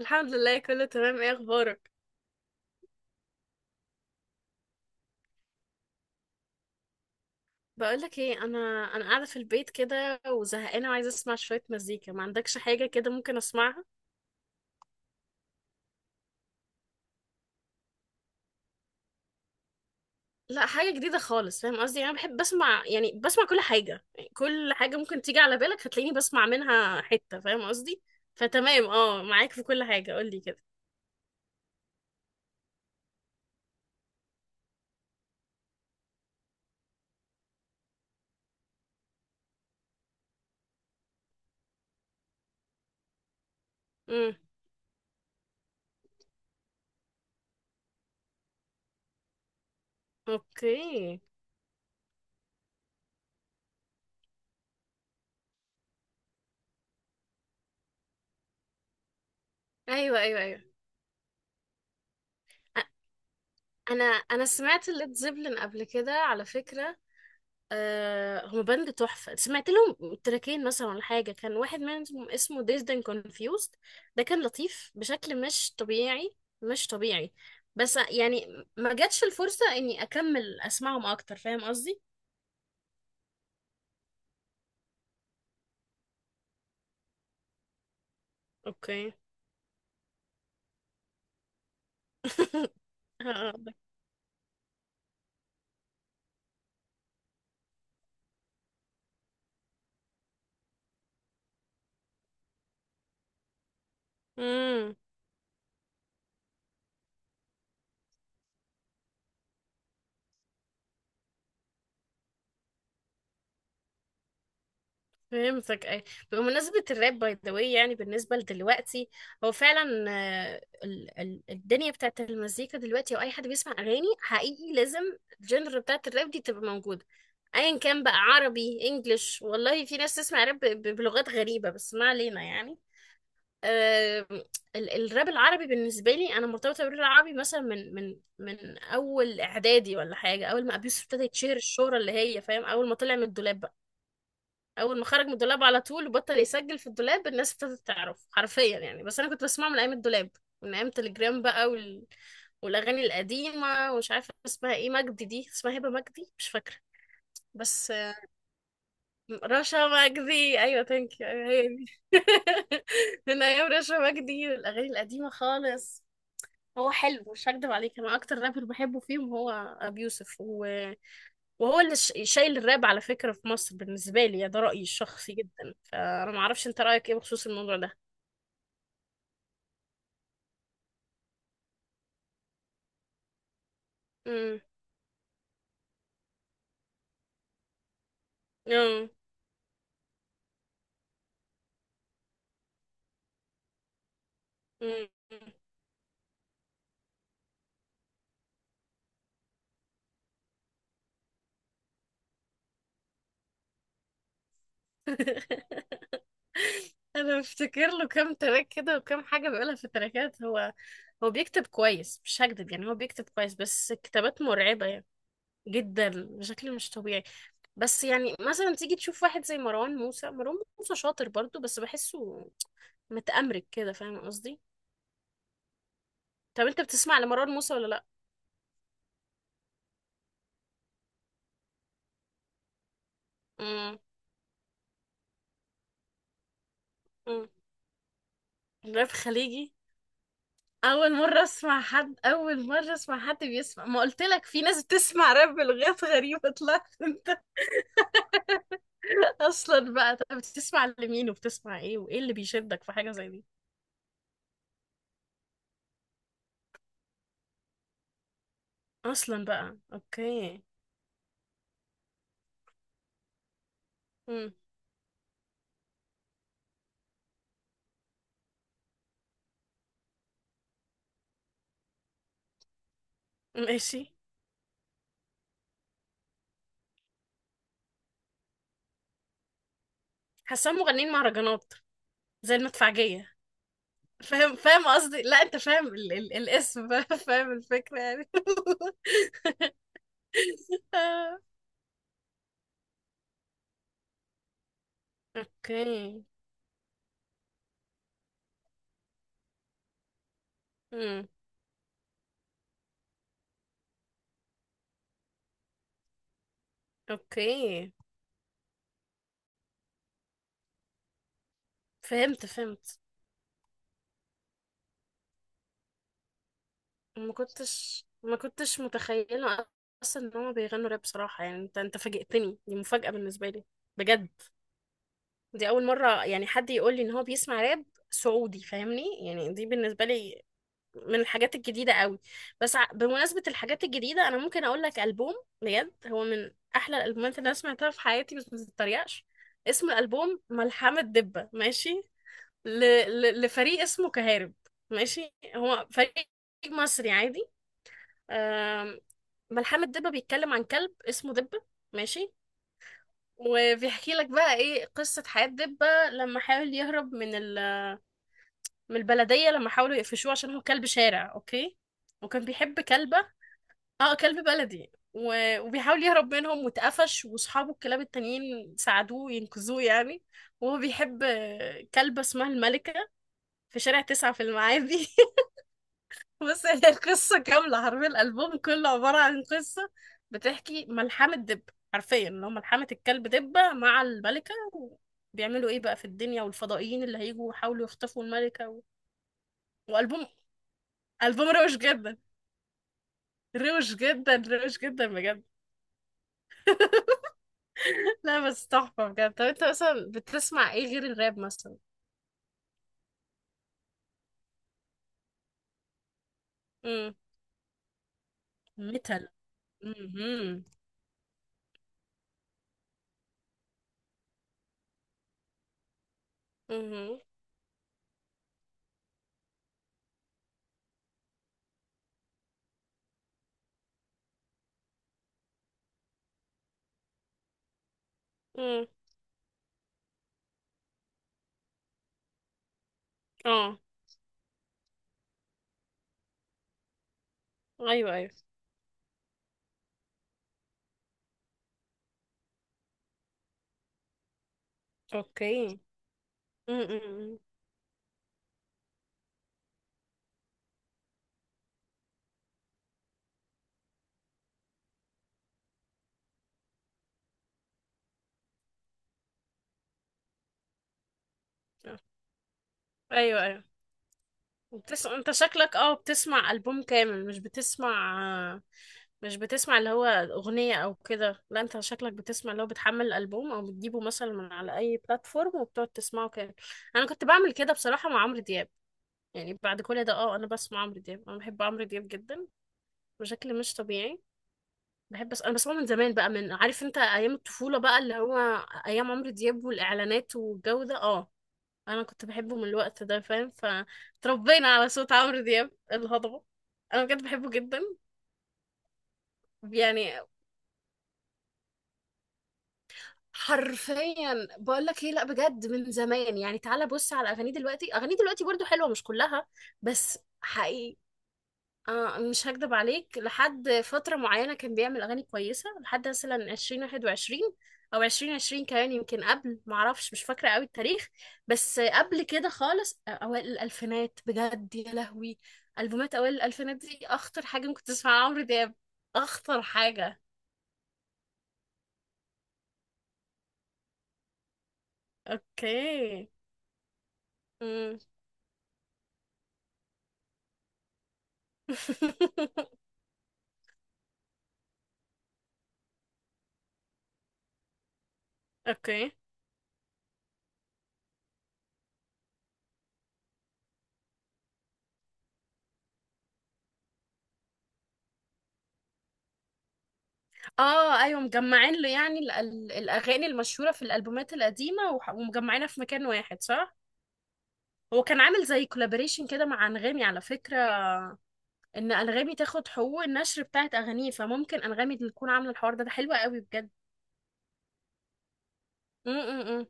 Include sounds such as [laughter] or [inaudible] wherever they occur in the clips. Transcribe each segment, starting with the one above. الحمد لله، كله تمام. ايه اخبارك؟ بقولك ايه، انا قاعده في البيت كده وزهقانه وعايزه اسمع شويه مزيكا. ما عندكش حاجه كده ممكن اسمعها؟ لا حاجه جديده خالص. فاهم قصدي؟ انا بحب بسمع، يعني بسمع كل حاجه. يعني كل حاجه ممكن تيجي على بالك هتلاقيني بسمع منها حته. فاهم قصدي؟ فتمام، اه معاك في كل حاجه قولي كده. امم. اوكي. ايوه ايوه ايوه. أ- انا سمعت الليد زيبلin قبل كده على فكره. آه هما باند تحفة، سمعت لهم تراكين مثلا ولا حاجة كان واحد منهم اسمه Dazed and Confused. ده كان لطيف بشكل مش طبيعي، مش طبيعي. بس يعني ما جاتش الفرصة اني اكمل اسمعهم اكتر. فاهم قصدي؟ اوكي. [laughs] امم. فهمتك اي. بمناسبة الراب باي ذا واي، يعني بالنسبة لدلوقتي، هو فعلا الدنيا بتاعت المزيكا دلوقتي او اي حد بيسمع اغاني حقيقي لازم الجنر بتاعت الراب دي تبقى موجودة. ايا كان بقى عربي انجلش، والله في ناس تسمع راب بلغات غريبة، بس ما علينا يعني. آه، الراب العربي بالنسبة لي، انا مرتبطة بالراب العربي مثلا من اول اعدادي ولا حاجة. اول ما ابيوسف ابتدى يتشهر الشهرة اللي هي، فاهم، اول ما طلع من الدولاب. اول ما خرج من الدولاب على طول وبطل يسجل في الدولاب الناس ابتدت تعرف حرفيا يعني. بس انا كنت بسمعه من ايام الدولاب، من ايام تليجرام بقى والاغاني القديمه. ومش عارفه اسمها ايه مجدي دي، اسمها هبه مجدي، مش فاكره. بس آه، رشا مجدي ايوه، ثانك يو. أيوة هي دي. [laughs] من ايام رشا مجدي، الاغاني القديمه خالص. هو حلو، مش هكدب عليك. انا اكتر رابر بحبه فيهم هو ابي يوسف وهو اللي شايل الراب على فكرة في مصر، بالنسبة لي يعني. ده رأيي الشخصي جدا، فأنا معرفش أنت رأيك إيه بخصوص الموضوع ده. مم. مم. مم. [laughs] أنا بفتكر له كام تراك كده وكام حاجة بيقولها في التراكات. هو هو بيكتب كويس، مش هكدب. يعني هو بيكتب كويس بس كتابات مرعبة يعني. جدا بشكل مش طبيعي. بس يعني مثلا تيجي تشوف واحد زي مروان موسى، مروان موسى شاطر برضو بس بحسه متأمرك كده. فاهم قصدي؟ طب انت بتسمع لمروان موسى ولا لا؟ امم. راب خليجي. اول مره اسمع حد بيسمع. ما قلت لك في ناس بتسمع راب بلغات غريبه، طلعت انت. [laughs] اصلا بقى، طب بتسمع لمين وبتسمع ايه وايه اللي بيشدك في حاجه زي دي؟ اصلا بقى. اوكي. امم. ماشي. حاسه مغنيين مهرجانات زي المدفعجيه. فاهم، فاهم قصدي؟ لا انت فاهم ال ال الاسم بقى، [laughs] فاهم الفكره يعني. [laughs] اوكي. امم. اوكي. فهمت، فهمت. ما كنتش متخيله اصلا ان هما بيغنوا راب بصراحه. يعني انت فاجئتني، دي مفاجاه بالنسبه لي بجد. دي اول مره يعني حد يقول لي ان هو بيسمع راب سعودي، فاهمني؟ يعني دي بالنسبه لي من الحاجات الجديده قوي. بس بمناسبه الحاجات الجديده، انا ممكن اقول لك البوم بجد هو من احلى الالبومات اللي انا سمعتها في حياتي، بس ما تتريقش. اسم الالبوم ملحمه دبه، ماشي. ل... لفريق اسمه كهارب، ماشي. هو فريق مصري عادي. آم، ملحمة دبة بيتكلم عن كلب اسمه دبة، ماشي. وبيحكي لك بقى ايه قصة حياة دبة لما حاول يهرب من البلدية لما حاولوا يقفشوه عشان هو كلب شارع، اوكي. وكان بيحب كلبة. اه كلب بلدي، و... وبيحاول يهرب منهم واتقفش، واصحابه الكلاب التانيين ساعدوه، ينقذوه يعني. وهو بيحب كلبة اسمها الملكة في شارع 9 في المعادي. [laughs] بص هي القصة كاملة، حرفيا الألبوم كله عبارة عن قصة بتحكي ملحمة دب، حرفيا اللي هو ملحمة الكلب دبة مع الملكة، بيعملوا ايه بقى في الدنيا، والفضائيين اللي هيجوا يحاولوا يخطفوا الملكة وألبوم. ألبوم روش جدا، روش جدا، روش جدا بجد. [laughs] لا بس تحفة بجد. طب انت مثلا بتسمع ايه غير الراب مثلا؟ امم. ميتال. امم. امم. امم. اه. ايوه ايوه. اوكي. امم. ايوه ايوه. انت شكلك اه بتسمع ألبوم كامل، مش بتسمع اللي هو أغنية أو كده. لا انت شكلك بتسمع اللي هو بتحمل الألبوم أو بتجيبه مثلا من على أي بلاتفورم وبتقعد تسمعه كامل. أنا كنت بعمل كده بصراحة مع عمرو دياب. يعني بعد كل ده اه أنا بسمع عمرو دياب، أنا بحب عمرو دياب جدا بشكل مش طبيعي. بحب، بس أنا بسمعه من زمان بقى، من عارف انت أيام الطفولة بقى اللي هو أيام عمرو دياب والإعلانات والجو ده اه. انا كنت بحبه من الوقت ده، فاهم؟ فتربينا على صوت عمرو دياب الهضبة. انا بجد بحبه جدا يعني. حرفيا بقول لك ايه، لا بجد من زمان. يعني تعالى بص على اغانيه دلوقتي، اغانيه دلوقتي برضو حلوة مش كلها بس حقيقي. آه مش هكدب عليك، لحد فترة معينة كان بيعمل أغاني كويسة لحد مثلا 2021 أو 2020 كمان يمكن قبل، معرفش مش فاكرة قوي التاريخ. بس قبل كده خالص أوائل الألفينات بجد يا لهوي. ألبومات أوائل الألفينات دي أخطر حاجة ممكن تسمعها عمرو دياب، أخطر حاجة. أوكي. مم. [laughs] اوكي. اه ايوه مجمعين له يعني الاغاني المشهوره في الالبومات القديمه، ومجمعينها في مكان واحد، صح؟ هو كان عامل زي كولابوريشن كده مع انغامي على فكره، ان انغامي تاخد حقوق النشر بتاعت اغانيه. فممكن انغامي اللي تكون عامله الحوار ده. ده حلو قوي بجد. امم.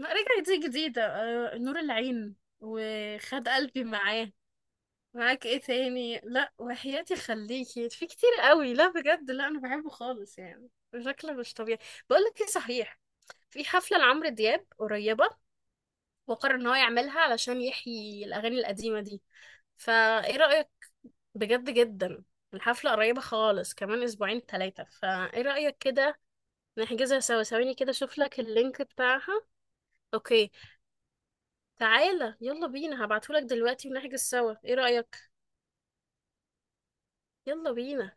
رجعت دي جديده. آه، نور العين، وخد قلبي معاه. معاك ايه تاني، لا وحياتي، خليكي في، كتير قوي. لا بجد لا، انا بحبه خالص يعني، شكله مش طبيعي. بقول لك ايه، صحيح في حفله لعمرو دياب قريبه، وقرر ان هو يعملها علشان يحيي الاغاني القديمه دي. فايه رايك؟ بجد جدا. الحفلة قريبة خالص، كمان 2-3 أسابيع. فإيه رأيك كده، نحجزها سوا؟ ثواني كده أشوف لك اللينك بتاعها. أوكي. تعالى يلا بينا، هبعتهولك دلوقتي ونحجز سوا، إيه رأيك؟ يلا بينا.